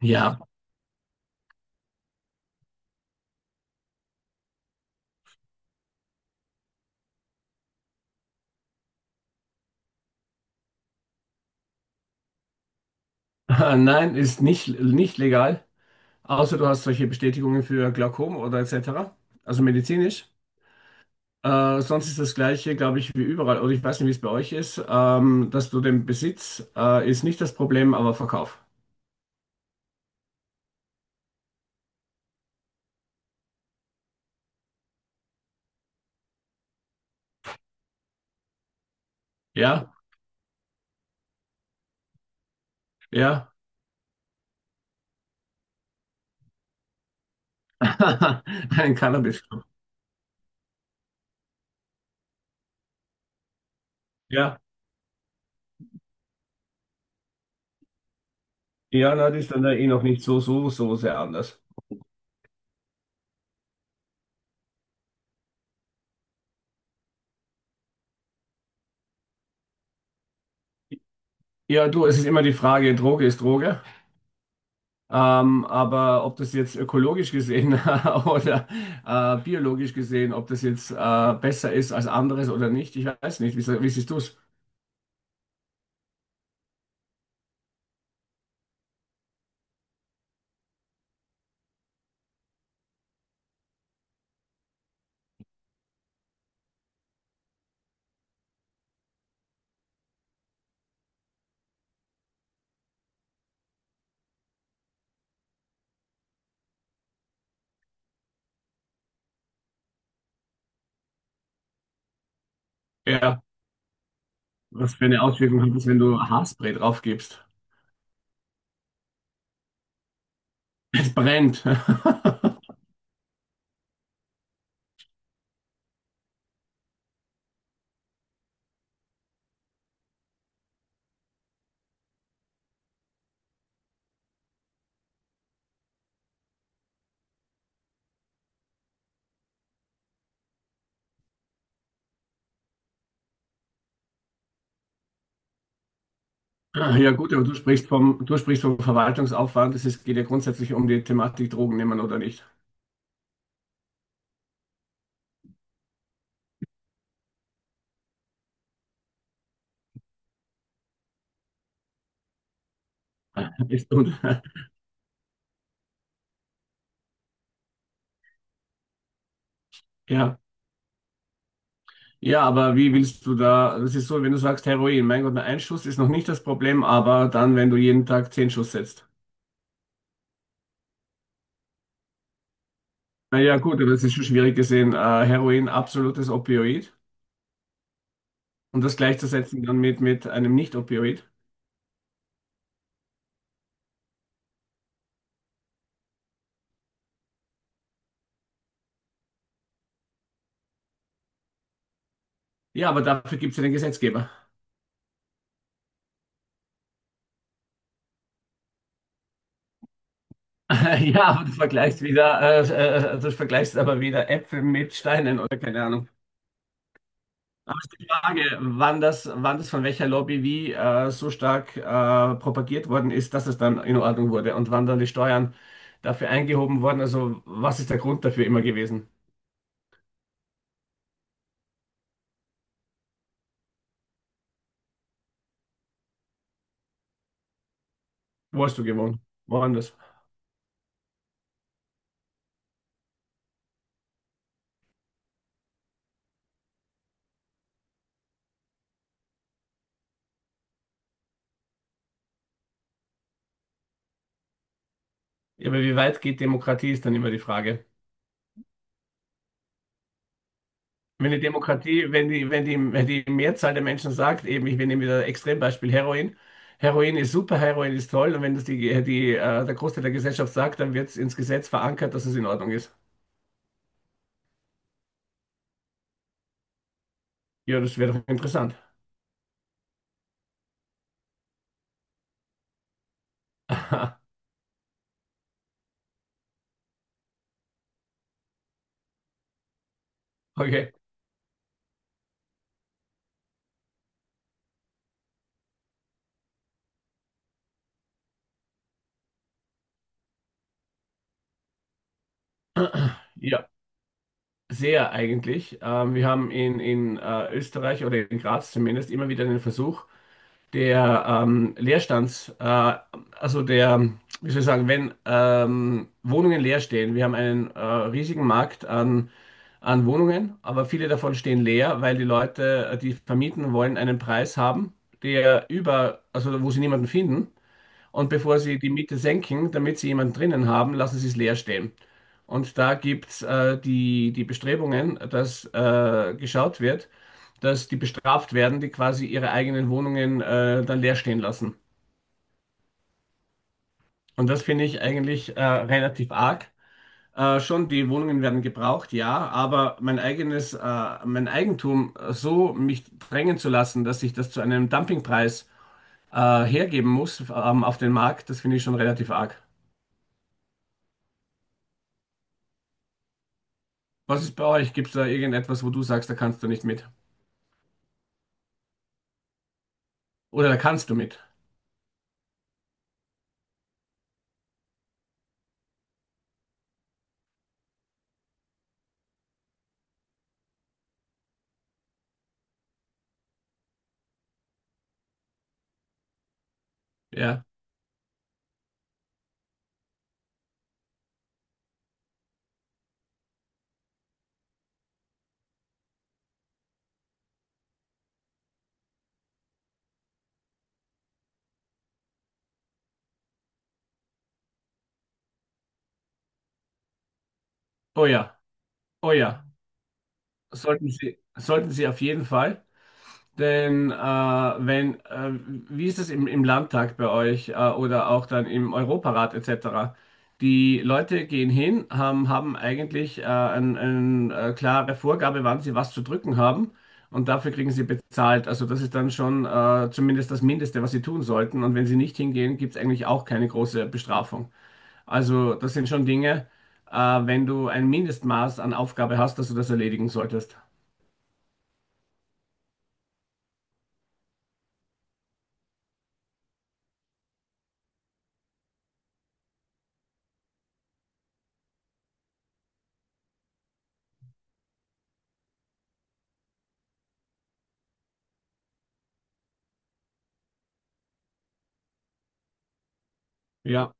Ja, nein, ist nicht, nicht legal, außer du hast solche Bestätigungen für Glaukom oder etc., also medizinisch. Sonst ist das Gleiche, glaube ich, wie überall, oder ich weiß nicht, wie es bei euch ist, dass du den Besitz ist nicht das Problem, aber Verkauf. Ja, ja, ein Cannabis. Ja, ja, na, das ist dann da eh noch nicht so, so, so sehr anders. Ja, du, es ist immer die Frage, Droge ist Droge. Aber ob das jetzt ökologisch gesehen oder biologisch gesehen, ob das jetzt besser ist als anderes oder nicht, ich weiß nicht. Wie siehst du es? Ja, was für eine Auswirkung hat es, wenn du Haarspray drauf gibst? Es brennt. Ja gut, aber du sprichst vom Verwaltungsaufwand. Geht ja grundsätzlich um die Thematik Drogen nehmen oder nicht. Ist und, ja. Ja, aber wie willst du da, das ist so, wenn du sagst Heroin, mein Gott, nur ein Schuss ist noch nicht das Problem, aber dann, wenn du jeden Tag zehn Schuss setzt. Naja, gut, aber das ist schon schwierig gesehen. Heroin, absolutes Opioid. Und das gleichzusetzen dann mit einem Nicht-Opioid. Ja, aber dafür gibt es ja den Gesetzgeber. Ja, aber du vergleichst aber wieder Äpfel mit Steinen oder keine Ahnung. Aber es ist die Frage, wann das von welcher Lobby wie so stark propagiert worden ist, dass es dann in Ordnung wurde und wann dann die Steuern dafür eingehoben wurden. Also, was ist der Grund dafür immer gewesen? Wo hast du gewohnt? Woanders? Ja, aber wie weit geht Demokratie, ist dann immer die Frage. Wenn die Demokratie, wenn die Mehrzahl der Menschen sagt, eben, ich nehme wieder Extrembeispiel Heroin, Heroin ist super, Heroin ist toll, und wenn das der Großteil der Gesellschaft sagt, dann wird es ins Gesetz verankert, dass es in Ordnung ist. Ja, das wäre doch interessant. Okay, ja, sehr eigentlich. Wir haben in Österreich oder in Graz zumindest immer wieder den Versuch, der Leerstands, also der, wie soll ich sagen, wenn Wohnungen leer stehen, wir haben einen riesigen Markt an, an Wohnungen, aber viele davon stehen leer, weil die Leute, die vermieten wollen, einen Preis haben, also wo sie niemanden finden. Und bevor sie die Miete senken, damit sie jemanden drinnen haben, lassen sie es leer stehen. Und da gibt es die Bestrebungen, dass geschaut wird, dass die bestraft werden, die quasi ihre eigenen Wohnungen dann leer stehen lassen. Und das finde ich eigentlich relativ arg. Schon, die Wohnungen werden gebraucht, ja, aber mein Eigentum so mich drängen zu lassen, dass ich das zu einem Dumpingpreis hergeben muss auf den Markt, das finde ich schon relativ arg. Was ist bei euch? Gibt es da irgendetwas, wo du sagst, da kannst du nicht mit? Oder da kannst du mit? Ja. Oh ja, oh ja. Sollten Sie auf jeden Fall. Denn wenn, Wie ist es im Landtag bei euch oder auch dann im Europarat etc.? Die Leute gehen hin, haben eigentlich klare Vorgabe, wann sie was zu drücken haben und dafür kriegen sie bezahlt. Also das ist dann schon zumindest das Mindeste, was sie tun sollten. Und wenn sie nicht hingehen, gibt es eigentlich auch keine große Bestrafung. Also, das sind schon Dinge, wenn du ein Mindestmaß an Aufgabe hast, dass du das erledigen solltest. Ja,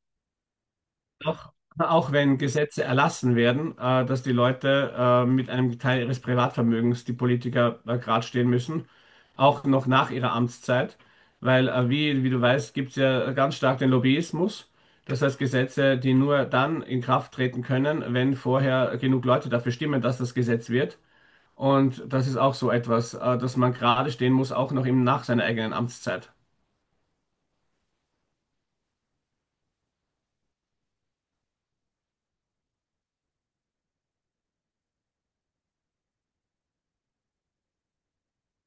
auch, auch wenn Gesetze erlassen werden, dass die Leute mit einem Teil ihres Privatvermögens, die Politiker gerade stehen müssen, auch noch nach ihrer Amtszeit, weil wie du weißt, gibt es ja ganz stark den Lobbyismus. Das heißt, Gesetze, die nur dann in Kraft treten können, wenn vorher genug Leute dafür stimmen, dass das Gesetz wird. Und das ist auch so etwas, dass man gerade stehen muss, auch noch eben nach seiner eigenen Amtszeit.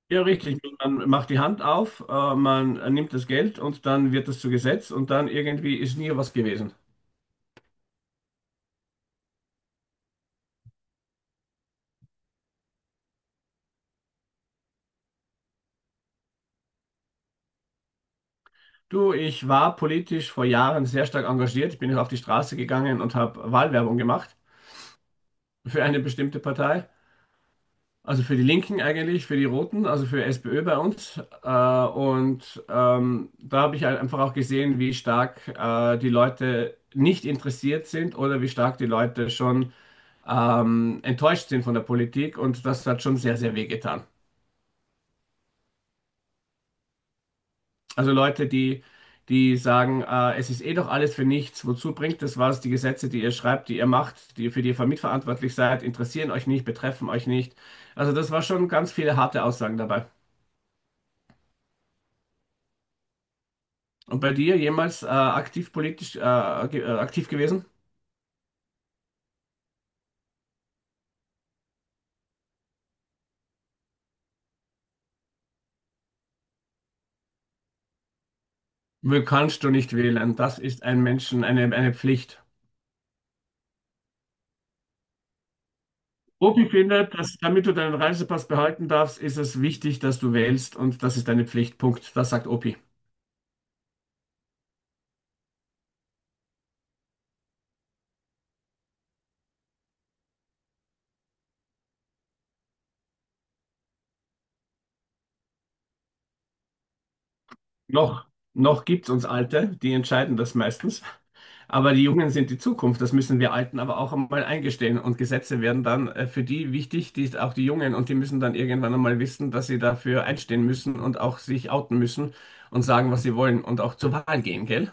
Ja, richtig. Man macht die Hand auf, man nimmt das Geld und dann wird das zu Gesetz und dann irgendwie ist nie was gewesen. Du, ich war politisch vor Jahren sehr stark engagiert. Ich bin auf die Straße gegangen und habe Wahlwerbung gemacht für eine bestimmte Partei. Also für die Linken eigentlich, für die Roten, also für SPÖ bei uns. Und da habe ich halt einfach auch gesehen, wie stark die Leute nicht interessiert sind oder wie stark die Leute schon enttäuscht sind von der Politik. Und das hat schon sehr, sehr wehgetan. Also Leute, die, die sagen, es ist eh doch alles für nichts, wozu bringt das was? Die Gesetze, die ihr schreibt, die ihr macht, die, für die ihr mitverantwortlich seid, interessieren euch nicht, betreffen euch nicht. Also das war schon ganz viele harte Aussagen dabei. Und bei dir jemals aktiv politisch aktiv gewesen? Will kannst du nicht wählen. Das ist ein Menschen, eine Pflicht. Opi findet, dass damit du deinen Reisepass behalten darfst, ist es wichtig, dass du wählst und das ist deine Pflicht. Punkt. Das sagt Opi. Noch, noch gibt es uns Alte, die entscheiden das meistens. Aber die Jungen sind die Zukunft, das müssen wir Alten aber auch einmal eingestehen. Und Gesetze werden dann für die wichtig, die auch die Jungen, und die müssen dann irgendwann einmal wissen, dass sie dafür einstehen müssen und auch sich outen müssen und sagen, was sie wollen und auch zur Wahl gehen, gell?